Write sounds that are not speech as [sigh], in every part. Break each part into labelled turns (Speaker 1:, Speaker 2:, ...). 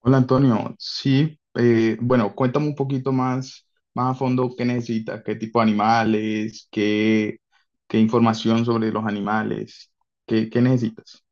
Speaker 1: Hola Antonio, sí, bueno, cuéntame un poquito más, más a fondo qué necesitas, qué tipo de animales, qué información sobre los animales, qué necesitas.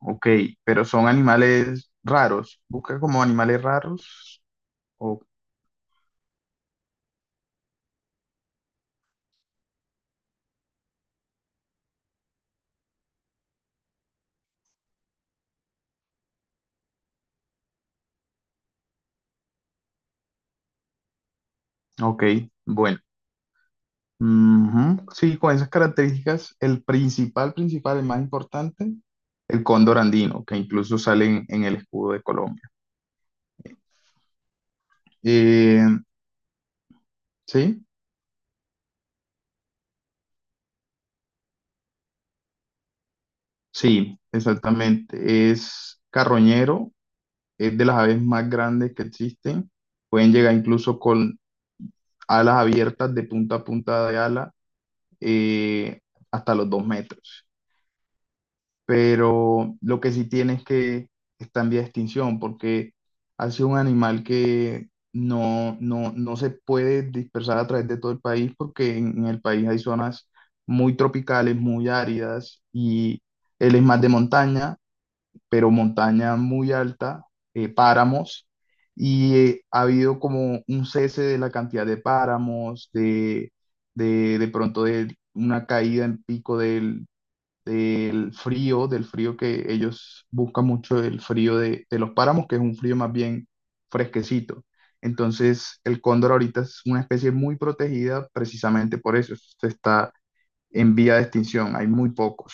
Speaker 1: Ok, pero son animales raros, busca como animales raros. O- ok, bueno. Ujú, sí, con esas características, el principal, principal, el más importante, el cóndor andino, que incluso sale en el escudo de Colombia. Eh, sí. Sí, exactamente. Es carroñero, es de las aves más grandes que existen. Pueden llegar incluso con alas abiertas de punta a punta de ala eh, hasta los 2 metros. Pero lo que sí tiene es que está en vía de extinción porque ha sido un animal que no, no se puede dispersar a través de todo el país porque en el país hay zonas muy tropicales, muy áridas y él es más de montaña pero montaña muy alta, páramos, y ha habido como un cese de la cantidad de páramos, de pronto de una caída en pico del frío que ellos buscan mucho, el frío de los páramos, que es un frío más bien fresquecito. Entonces, el cóndor ahorita es una especie muy protegida precisamente por eso, se está en vía de extinción, hay muy pocos.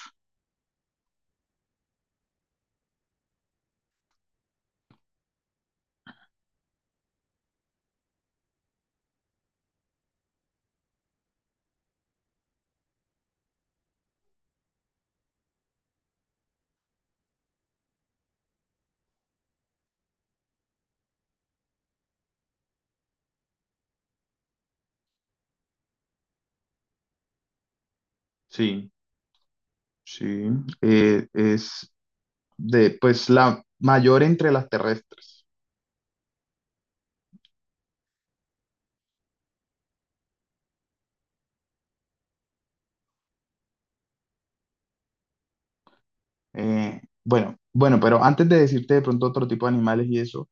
Speaker 1: Sí, sí, eh, es, de, pues la mayor entre las terrestres. Bueno, bueno, pero antes de decirte de pronto otro tipo de animales y eso,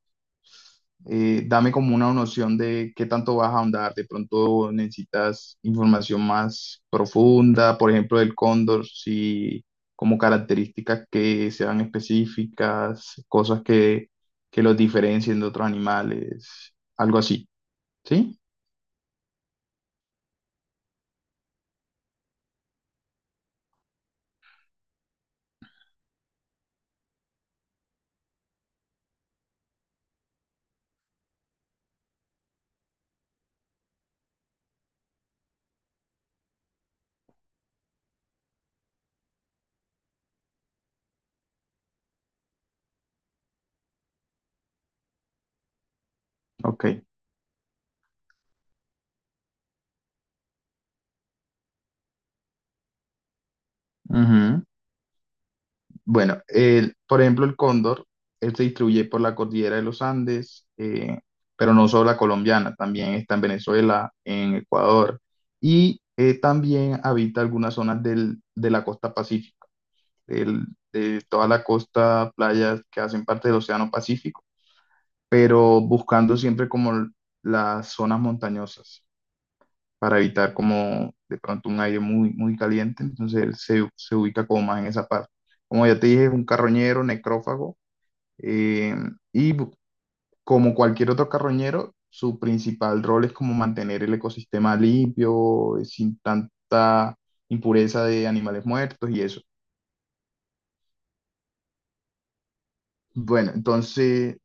Speaker 1: dame como una noción de qué tanto vas a ahondar. De pronto necesitas información más profunda, por ejemplo, del cóndor, si como características que sean específicas, cosas que los diferencien de otros animales, algo así, ¿sí? Ok. Ujú. Bueno, el- por ejemplo, el cóndor, él se distribuye por la cordillera de los Andes, pero no solo la colombiana, también está en Venezuela, en Ecuador, y también habita algunas zonas del- de la costa pacífica, del- de toda la costa, playas que hacen parte del Océano Pacífico, pero buscando siempre como las zonas montañosas para evitar como de pronto un aire muy, muy caliente, entonces él se, se ubica como más en esa parte. Como ya te dije, es un carroñero, necrófago, eh, y bu- como cualquier otro carroñero, su principal rol es como mantener el ecosistema limpio, sin tanta impureza de animales muertos y eso. Bueno, entonces,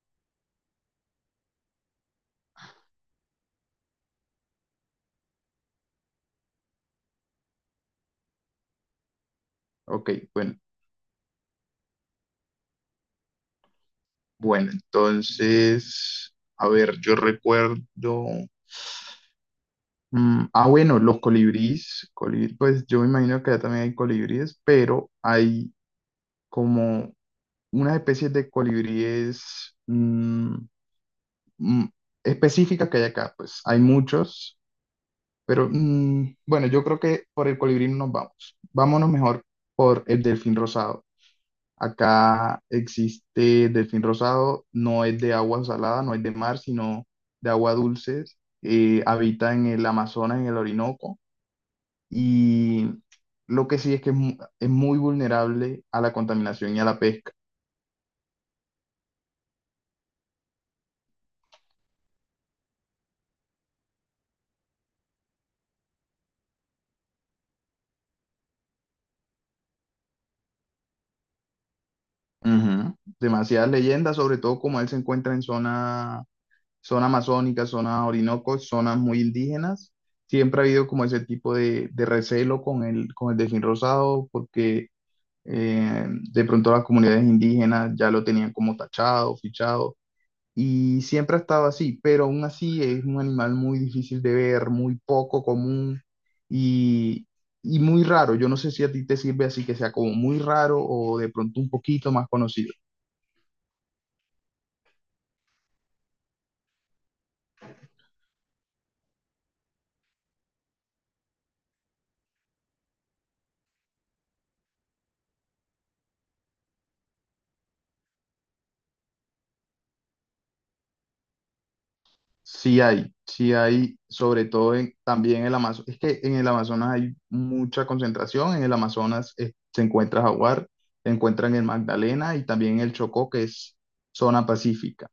Speaker 1: ok, bueno, bueno, entonces, a ver, yo recuerdo, ah, bueno, los colibríes, colibrí, pues yo me imagino que allá también hay colibríes, pero hay como unas especies de colibríes mm, específicas que hay acá, pues hay muchos, pero bueno, yo creo que por el colibrí no nos vamos. Vámonos mejor por el delfín rosado. Acá existe delfín rosado, no es de agua salada, no es de mar, sino de agua dulce. Habita en el Amazonas, en el Orinoco, y lo que sí es que mu- es muy vulnerable a la contaminación y a la pesca. Ujú. Demasiadas leyendas, sobre todo como él se encuentra en zona amazónica, zona Orinoco, zonas muy indígenas. Siempre ha habido como ese tipo de recelo con con el delfín rosado porque eh, de pronto las comunidades indígenas ya lo tenían como tachado, fichado y siempre ha estado así, pero aún así es un animal muy difícil de ver, muy poco común y, y muy raro. Yo no sé si a ti te sirve así que sea como muy raro o de pronto un poquito más conocido. Sí hay, sobre todo en- también en el Amazonas. Es que en el Amazonas hay mucha concentración. En el Amazonas se encuentra jaguar, se encuentra en el Magdalena y también en el Chocó, que es zona pacífica.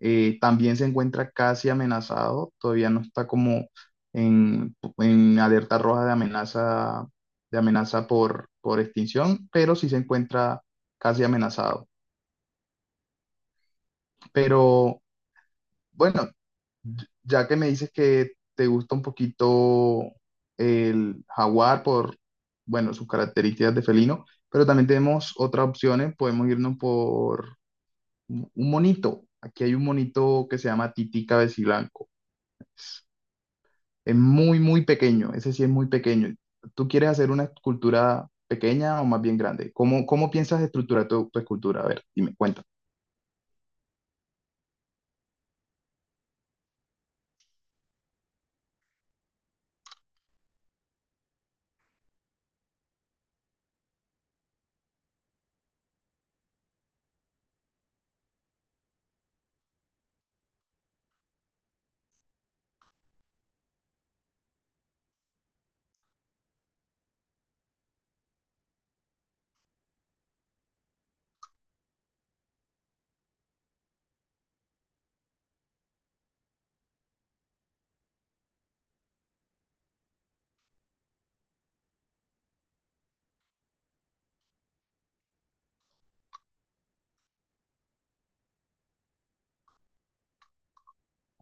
Speaker 1: También se encuentra casi amenazado, todavía no está como en alerta roja de amenaza por extinción, pero sí se encuentra casi amenazado. Pero bueno. Ya que me dices que te gusta un poquito el jaguar por, bueno, sus características de felino, pero también tenemos otras opciones. Podemos irnos por un monito. Aquí hay un monito que se llama Tití Cabeciblanco. Es muy, muy pequeño. Ese sí es muy pequeño. ¿Tú quieres hacer una escultura pequeña o más bien grande? ¿Cómo, cómo piensas estructurar tu, tu escultura? A ver, dime, cuenta.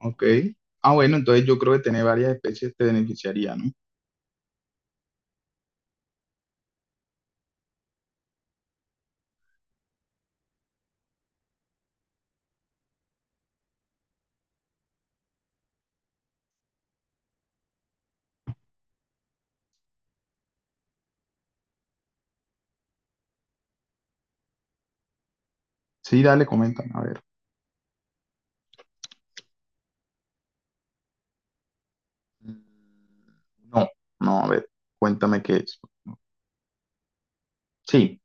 Speaker 1: Ok. Ah, bueno, entonces yo creo que tener varias especies te beneficiaría, ¿no? Sí, dale, comenta, a ver. Mm, no, no, a ver, cuéntame qué es. Sí,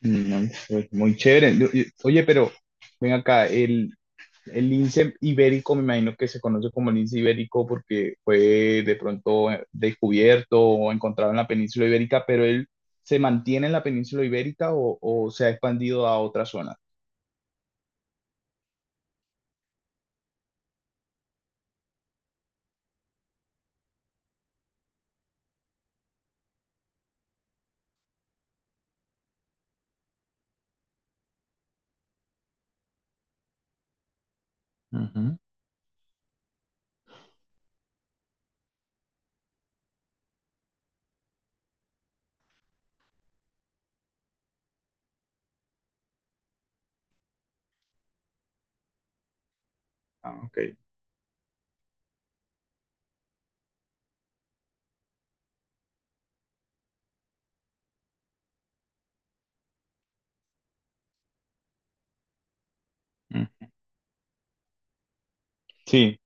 Speaker 1: no, pues, muy chévere. Yo- yo- oye, pero ven acá, el lince ibérico, me imagino que se conoce como lince ibérico porque fue de pronto descubierto o encontrado en la península ibérica, pero él se mantiene en la península ibérica o se ha expandido a otra zona. Ujú. Ah, ok. Mm. Sí.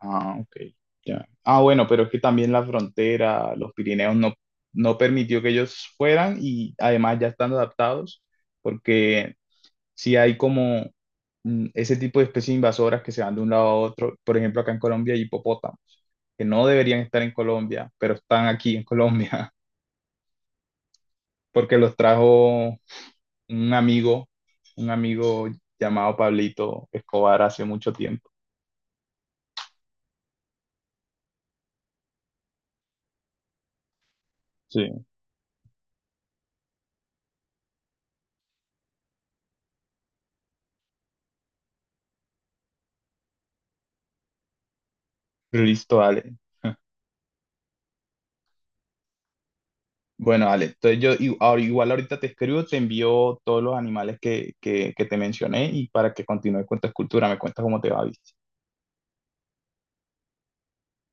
Speaker 1: Ah, ok, ya. Ah, bueno, pero es que también la frontera, los Pirineos no, no permitió que ellos fueran y además ya están adaptados porque si hay como ese tipo de especies invasoras que se van de un lado a otro, por ejemplo acá en Colombia hay hipopótamos que no deberían estar en Colombia, pero están aquí en Colombia [laughs] porque los trajo un amigo, un amigo llamado Pablito Escobar hace mucho tiempo. Sí. Listo, dale. Bueno, Ale, entonces yo i- ahora- igual ahorita te escribo, te envío todos los animales que te mencioné y para que continúes con tu escultura, me cuentas cómo te va, ¿viste?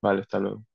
Speaker 1: Vale, hasta luego.